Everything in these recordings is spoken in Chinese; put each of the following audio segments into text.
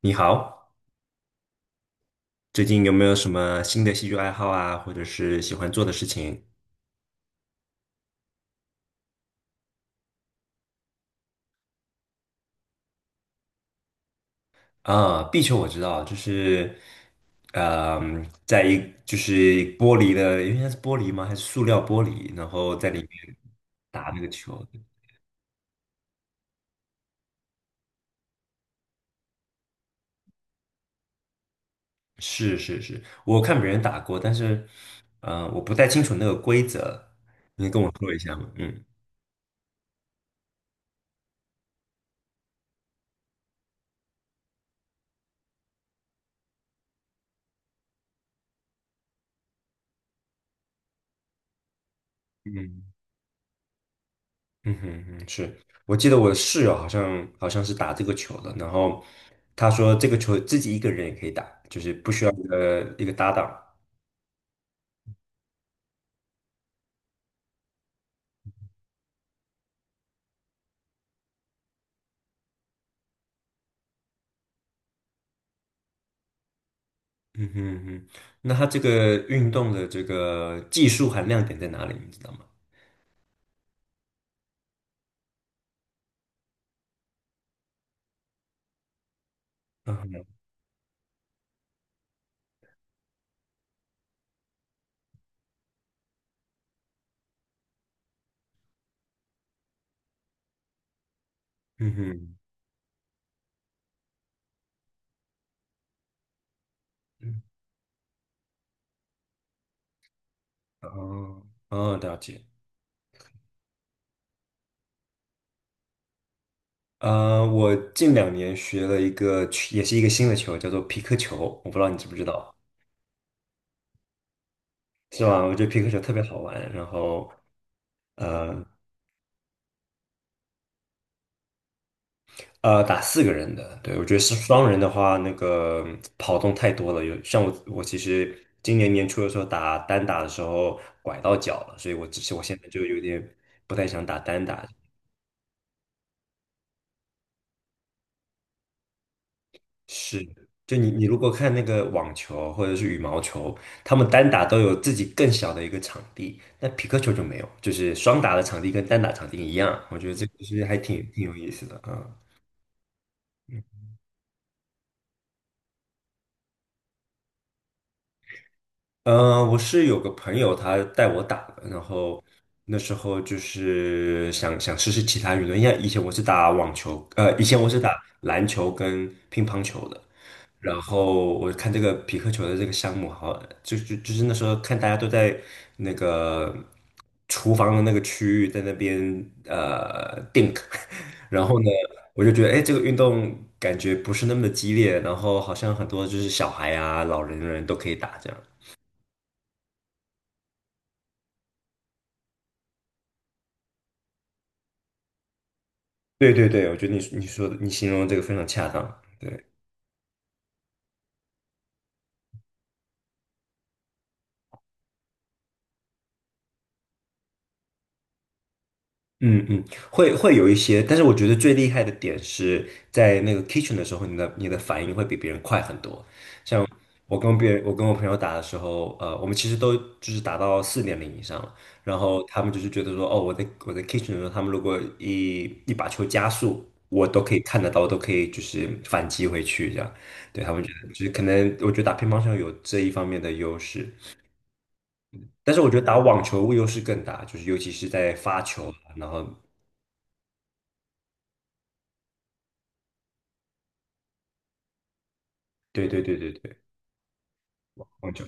你好，最近有没有什么新的兴趣爱好啊，或者是喜欢做的事情？啊，壁球我知道，就是，嗯，在一就是玻璃的，因为它是玻璃吗？还是塑料玻璃？然后在里面打那个球。是是是，我看别人打过，但是，我不太清楚那个规则，你跟我说一下吗？嗯嗯嗯哼嗯，是我记得我的室友好像是打这个球的，然后他说这个球自己一个人也可以打，就是不需要一个搭档。嗯哼嗯哼，那他这个运动的这个技术含量点在哪里，你知道吗？嗯哼嗯哼，嗯哦哦，了解。我近2年学了一个球也是一个新的球，叫做皮克球，我不知道你知不知道，是吧？我觉得皮克球特别好玩，然后。呃。打四个人的，对，我觉得是双人的话，那个跑动太多了。有像我，我其实今年年初的时候打单打的时候拐到脚了，所以我只是我现在就有点不太想打单打。是，就你如果看那个网球或者是羽毛球，他们单打都有自己更小的一个场地，那匹克球就没有，就是双打的场地跟单打场地一样。我觉得这个其实还挺挺有意思的啊。我是有个朋友他带我打的，然后那时候就是想想试试其他运动，因为以前我是打网球，以前我是打篮球跟乒乓球的，然后我看这个匹克球的这个项目好，就是那时候看大家都在那个厨房的那个区域在那边tink 然后呢，我就觉得哎，诶这个运动感觉不是那么的激烈，然后好像很多就是小孩啊、老人人都可以打这样。对对对，我觉得你说的你形容的这个非常恰当。对，嗯嗯，会有一些，但是我觉得最厉害的点是在那个 kitchen 的时候，你的反应会比别人快很多。我跟别人，我跟我朋友打的时候，我们其实都就是打到4.0以上了，然后他们就是觉得说，哦，我在 kitchen 的时候，他们如果一把球加速，我都可以看得到，我都可以就是反击回去这样。对，他们觉得就是可能，我觉得打乒乓球有这一方面的优势。但是我觉得打网球优势更大，就是尤其是在发球啊然后对对对对对，网球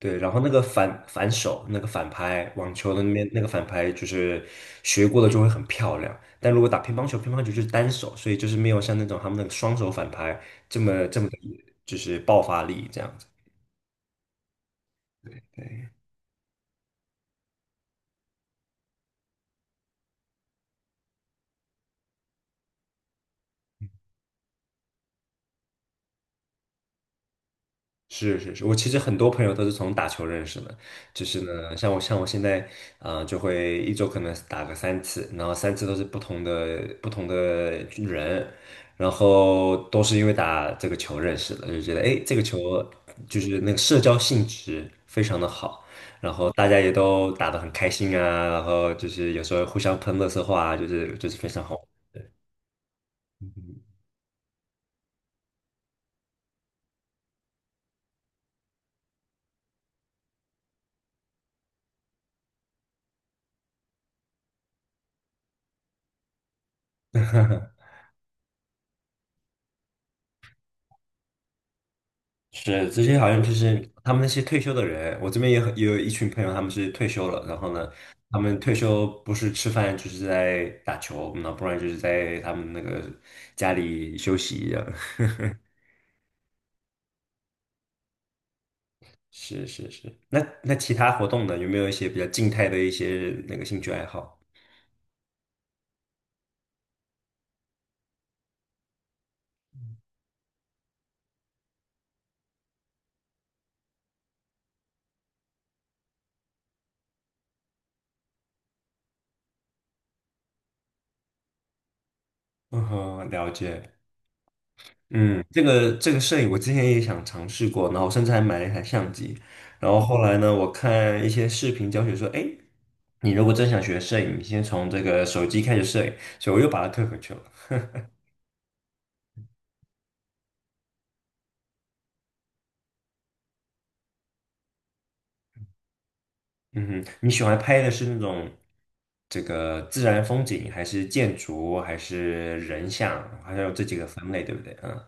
对，然后那个反手那个反拍，网球的那边那个反拍就是学过了就会很漂亮，但如果打乒乓球，乒乓球就是单手，所以就是没有像那种他们那个双手反拍这么的就是爆发力这样子。是是是，我其实很多朋友都是从打球认识的，就是呢，像我现在啊、就会一周可能打个三次，然后三次都是不同的人，然后都是因为打这个球认识的，就觉得诶这个球就是那个社交性质非常的好，然后大家也都打得很开心啊，然后就是有时候互相喷乐色话啊，就是非常好玩。对，嗯嗯是，这些好像就是他们那些退休的人，我这边也有一群朋友，他们是退休了，然后呢，他们退休不是吃饭就是在打球，那不然就是在他们那个家里休息一样。是是是，那其他活动呢？有没有一些比较静态的一些那个兴趣爱好？嗯哼，了解。嗯，这个摄影我之前也想尝试过，然后甚至还买了一台相机，然后后来呢，我看一些视频教学说，哎，你如果真想学摄影，你先从这个手机开始摄影，所以我又把它退回去了。嗯哼，你喜欢拍的是那种这个自然风景，还是建筑，还是人像，好像有这几个分类，对不对？嗯，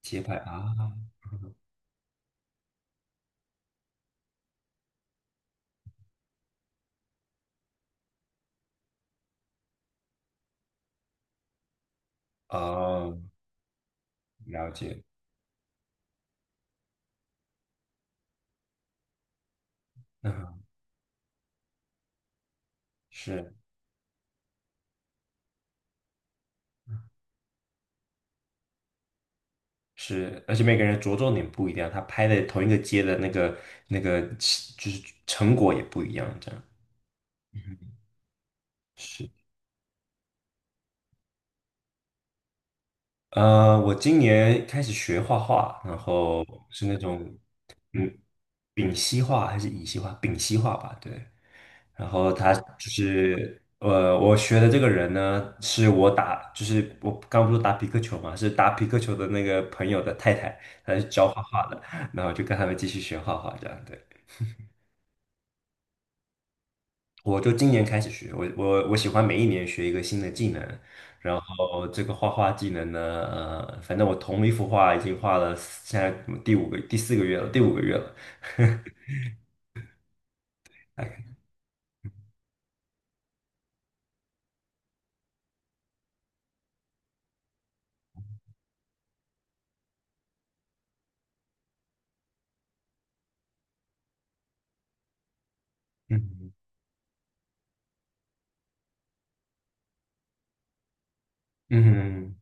街拍啊，哦，了解，嗯，是是，而且每个人着重点不一样，他拍的同一个街的那个就是成果也不一样，这样是。我今年开始学画画，然后是那种。嗯。丙烯画还是乙烯画？丙烯画吧，对。我学的这个人呢，是我打，就是我刚不是打匹克球嘛，是打匹克球的那个朋友的太太，她是教画画的，然后就跟他们继续学画画这样。对，我就今年开始学，我喜欢每一年学一个新的技能，然后这个画画技能呢，反正我同一幅画已经画了，现在第五个第四个月了，第五个月了，大概嗯嗯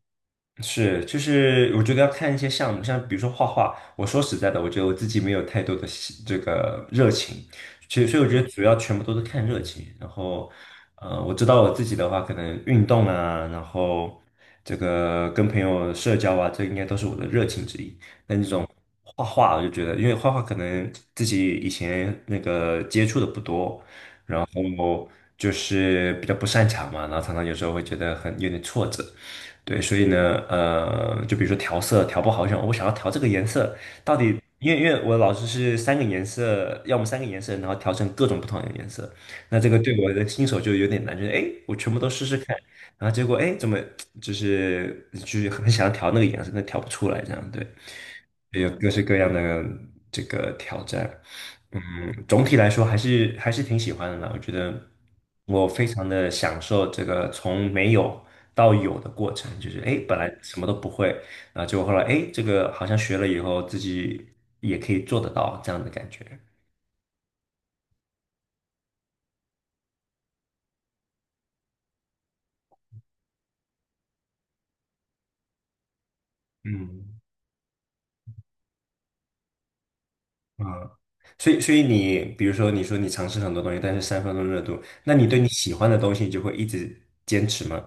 哼是，就是我觉得要看一些项目，像比如说画画。我说实在的，我觉得我自己没有太多的这个热情，其实所以我觉得主要全部都是看热情。然后，我知道我自己的话，可能运动啊，然后这个跟朋友社交啊，这应该都是我的热情之一。但这种画画，我就觉得，因为画画可能自己以前那个接触的不多，后就是比较不擅长嘛，然后常常有时候会觉得很有点挫折，对，所以呢，就比如说调色调不好，我想要调这个颜色，到底因为我老师是三个颜色，要么三个颜色，然后调成各种不同的颜色，那这个对我的新手就有点难，就是哎，诶我全部都试试看，然后结果哎，诶怎么就是很想调那个颜色，但调不出来，这样对，有各式各样的这个挑战。嗯，总体来说还是挺喜欢的啦。我觉得我非常的享受这个从没有到有的过程，就是哎，诶本来什么都不会，然后结果后来哎，诶这个好像学了以后自己也可以做得到这样的感觉。嗯。嗯，所以你比如说你说你尝试很多东西，但是三分钟热度，那你对你喜欢的东西，你就会一直坚持吗？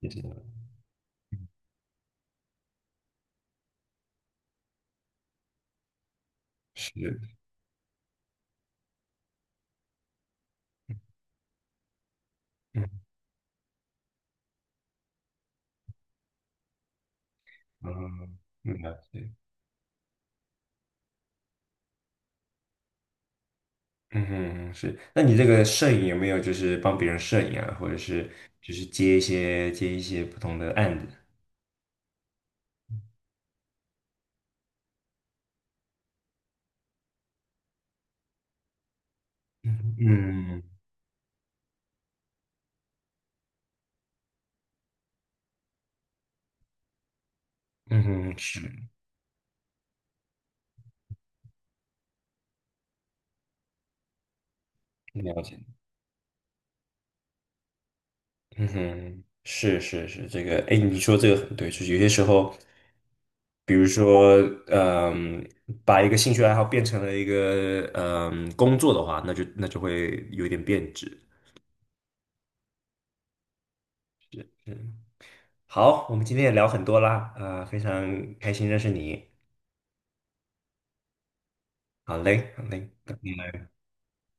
一直是，嗯嗯，嗯了解，嗯哼，是。那你这个摄影有没有就是帮别人摄影啊，或者是就是接一些不同的案子？嗯嗯嗯哼，是了解。嗯哼，是是是，这个，哎，你说这个很对，就是有些时候，比如说，嗯，把一个兴趣爱好变成了一个工作的话，那就会有点变质。嗯，好，我们今天也聊很多啦，啊、非常开心认识你。好嘞，好嘞，拜拜